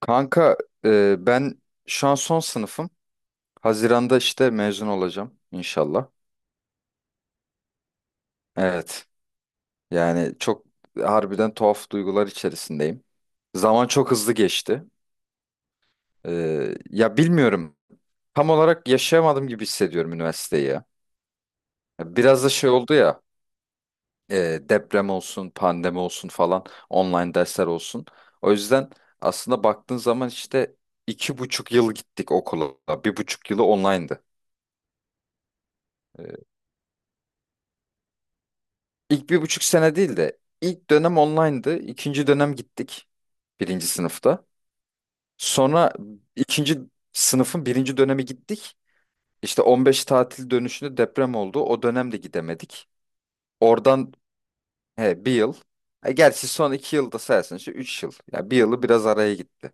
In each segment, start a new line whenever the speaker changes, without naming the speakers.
Kanka ben şu an son sınıfım. Haziran'da işte mezun olacağım inşallah. Evet. Yani çok harbiden tuhaf duygular içerisindeyim. Zaman çok hızlı geçti. Ya bilmiyorum. Tam olarak yaşayamadım gibi hissediyorum üniversiteyi ya. Biraz da şey oldu ya. Deprem olsun, pandemi olsun falan. Online dersler olsun. O yüzden aslında baktığın zaman işte iki buçuk yıl gittik okula. Bir buçuk yılı online'dı. E, İlk bir buçuk sene değil de ilk dönem online'dı. İkinci dönem gittik birinci sınıfta. Sonra ikinci sınıfın birinci dönemi gittik. İşte 15 tatil dönüşünde deprem oldu. O dönem de gidemedik. Oradan he, bir yıl. Gerçi son iki yılda sayarsın işte üç yıl. Ya bir yılı biraz araya gitti.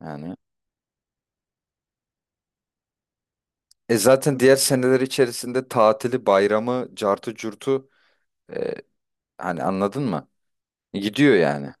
Yani zaten diğer seneler içerisinde tatili, bayramı, cartı curtu e, hani anladın mı? Gidiyor yani.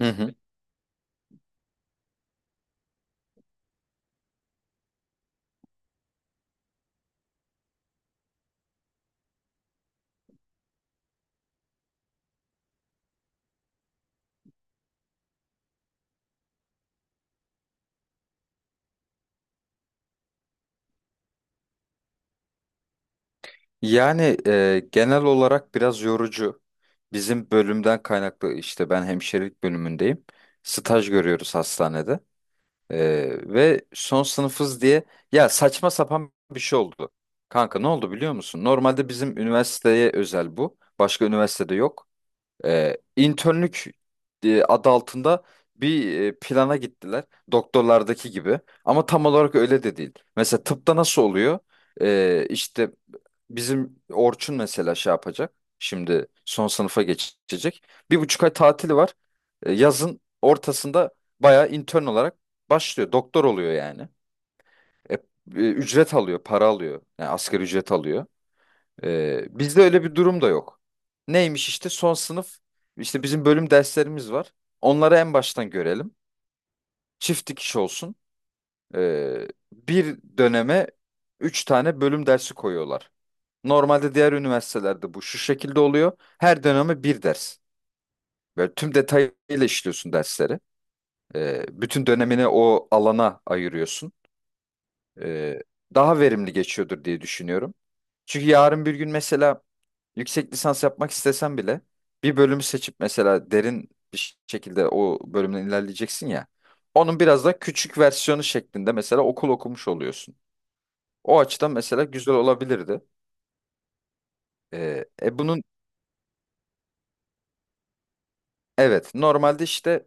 Hı hı. Yani genel olarak biraz yorucu. Bizim bölümden kaynaklı işte ben hemşirelik bölümündeyim. Staj görüyoruz hastanede. E, Ve son sınıfız diye ya saçma sapan bir şey oldu. Kanka ne oldu biliyor musun? Normalde bizim üniversiteye özel bu. Başka üniversitede yok. İnternlük adı altında bir plana gittiler. Doktorlardaki gibi. Ama tam olarak öyle de değil. Mesela tıpta nasıl oluyor? İşte bizim Orçun mesela şey yapacak. Şimdi son sınıfa geçecek. Bir buçuk ay tatili var. Yazın ortasında bayağı intern olarak başlıyor. Doktor oluyor yani. E, e, Ücret alıyor, para alıyor. Yani asgari ücret alıyor. Bizde öyle bir durum da yok. Neymiş işte son sınıf işte bizim bölüm derslerimiz var. Onları en baştan görelim. Çift dikiş olsun. Ee, Bir döneme üç tane bölüm dersi koyuyorlar. Normalde diğer üniversitelerde bu şu şekilde oluyor. Her döneme bir ders. Böyle tüm detayıyla işliyorsun dersleri. Bütün dönemini o alana ayırıyorsun. Ee, Daha verimli geçiyordur diye düşünüyorum. Çünkü yarın bir gün mesela yüksek lisans yapmak istesen bile bir bölümü seçip mesela derin bir şekilde o bölümden ilerleyeceksin ya. Onun biraz da küçük versiyonu şeklinde mesela okul okumuş oluyorsun. O açıdan mesela güzel olabilirdi. Bunun evet normalde işte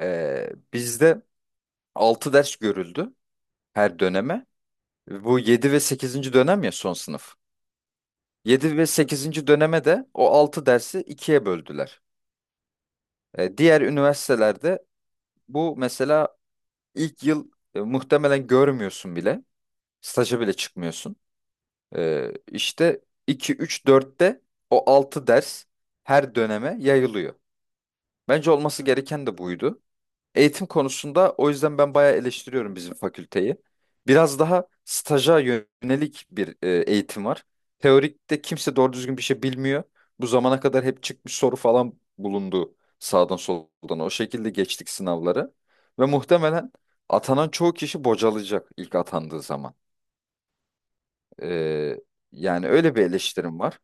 bizde 6 ders görüldü her döneme. Bu 7 ve sekizinci dönem ya son sınıf. Yedi ve sekizinci döneme de o 6 dersi ikiye böldüler. Diğer üniversitelerde bu mesela İlk yıl muhtemelen görmüyorsun bile. Staja bile çıkmıyorsun. İşte 2, 3, 4'te o 6 ders her döneme yayılıyor. Bence olması gereken de buydu. Eğitim konusunda o yüzden ben bayağı eleştiriyorum bizim fakülteyi. Biraz daha staja yönelik bir eğitim var. Teorikte kimse doğru düzgün bir şey bilmiyor. Bu zamana kadar hep çıkmış soru falan bulundu sağdan soldan. O şekilde geçtik sınavları. Ve muhtemelen atanan çoğu kişi bocalayacak ilk atandığı zaman. Ee, Yani öyle bir eleştirim var.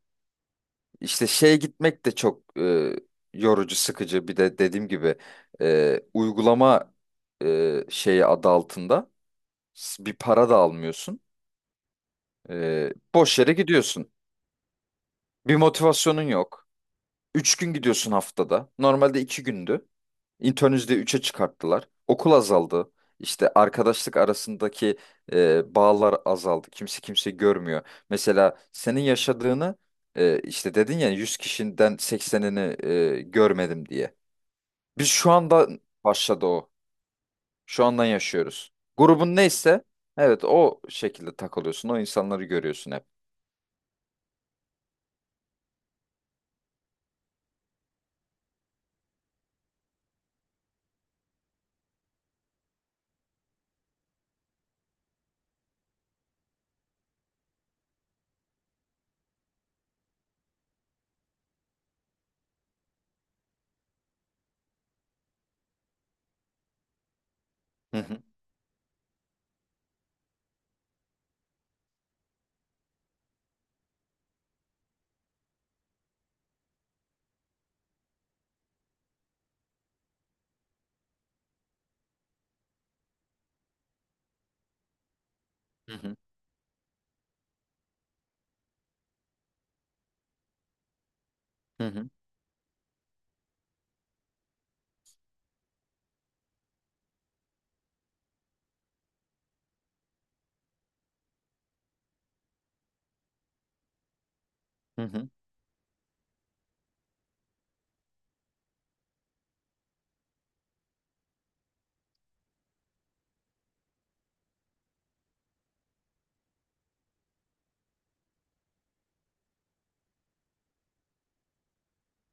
İşte şeye gitmek de çok yorucu, sıkıcı. Bir de dediğim gibi uygulama şeyi adı altında bir para da almıyorsun. Boş yere gidiyorsun. Bir motivasyonun yok. Üç gün gidiyorsun haftada. Normalde iki gündü. İnternüzde üçe çıkarttılar. Okul azaldı. İşte arkadaşlık arasındaki bağlar azaldı. Kimse kimse görmüyor. Mesela senin yaşadığını işte dedin ya 100 kişiden seksenini görmedim diye. Biz şu anda başladı o. Şu andan yaşıyoruz. Grubun neyse evet o şekilde takılıyorsun. O insanları görüyorsun hep. Hı hı. Hı hı. Hı hı. Hı hı.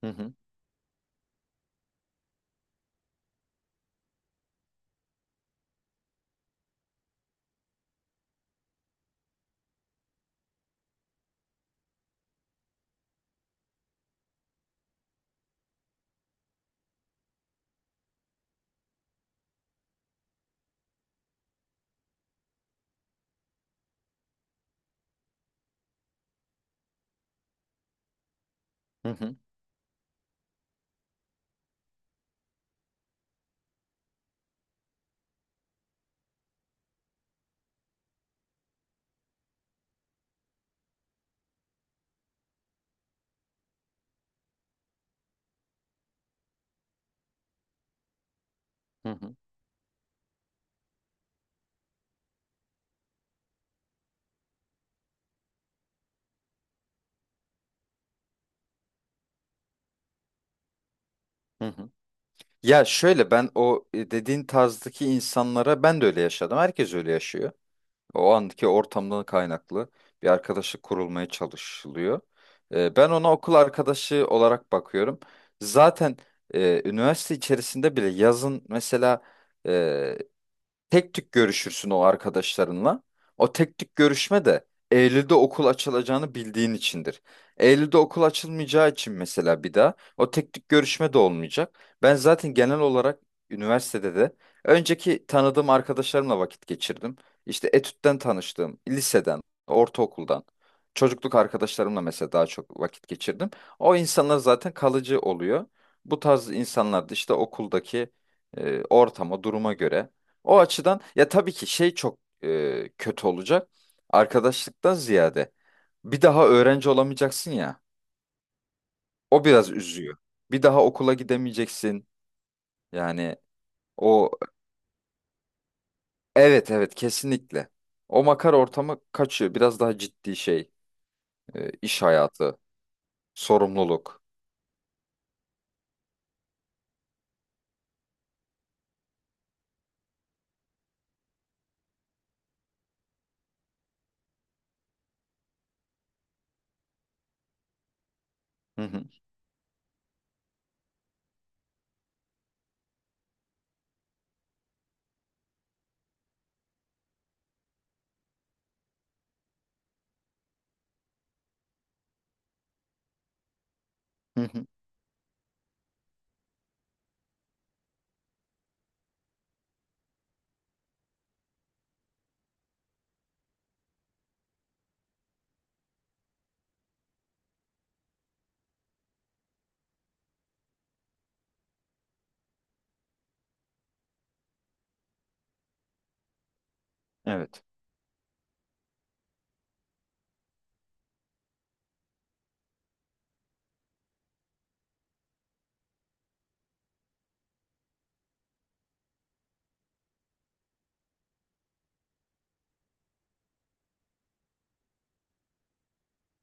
Hı hı. Hı hı. Hı hı. Hı hı. Ya şöyle ben o dediğin tarzdaki insanlara ben de öyle yaşadım. Herkes öyle yaşıyor. O andaki ortamdan kaynaklı bir arkadaşlık kurulmaya çalışılıyor. Ben ona okul arkadaşı olarak bakıyorum. Zaten üniversite içerisinde bile yazın mesela e, tek tük görüşürsün o arkadaşlarınla. O tek tük görüşme de Eylül'de okul açılacağını bildiğin içindir. Eylül'de okul açılmayacağı için mesela bir daha o tek tük görüşme de olmayacak. Ben zaten genel olarak üniversitede de önceki tanıdığım arkadaşlarımla vakit geçirdim. İşte etütten tanıştığım, liseden, ortaokuldan, çocukluk arkadaşlarımla mesela daha çok vakit geçirdim. O insanlar zaten kalıcı oluyor. Bu tarz insanlar da işte okuldaki ortama, duruma göre o açıdan ya tabii ki şey çok kötü olacak. Arkadaşlıktan ziyade bir daha öğrenci olamayacaksın ya. O biraz üzüyor. Bir daha okula gidemeyeceksin. Yani o evet evet kesinlikle. O makar ortamı kaçıyor. Biraz daha ciddi şey, iş hayatı, sorumluluk. Hı hı, hı hı. Evet.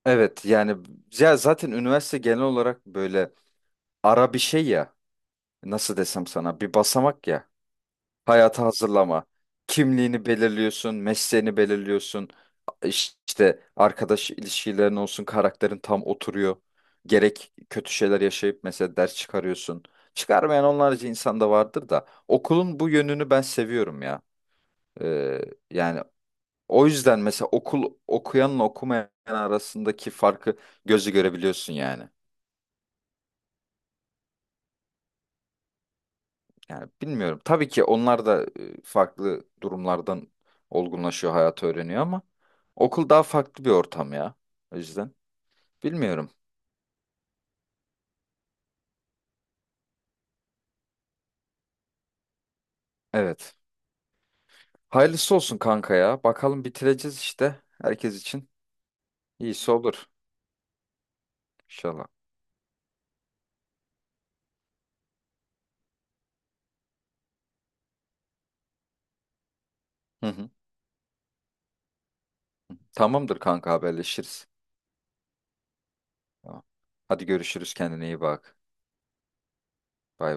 Evet yani ya zaten üniversite genel olarak böyle ara bir şey ya. Nasıl desem sana bir basamak ya. Hayata hazırlama. Kimliğini belirliyorsun, mesleğini belirliyorsun. İşte arkadaş ilişkilerin olsun, karakterin tam oturuyor. Gerek kötü şeyler yaşayıp mesela ders çıkarıyorsun. Çıkarmayan onlarca insan da vardır da okulun bu yönünü ben seviyorum ya. Ee, Yani o yüzden mesela okul okuyanla okumayan arasındaki farkı gözü görebiliyorsun yani. Yani bilmiyorum. Tabii ki onlar da farklı durumlardan olgunlaşıyor, hayatı öğreniyor ama okul daha farklı bir ortam ya. O yüzden bilmiyorum. Evet. Hayırlısı olsun kanka ya. Bakalım bitireceğiz işte. Herkes için iyisi olur inşallah. Hı hı. Tamamdır kanka haberleşiriz. Tamam. Hadi görüşürüz kendine iyi bak. Bay bay.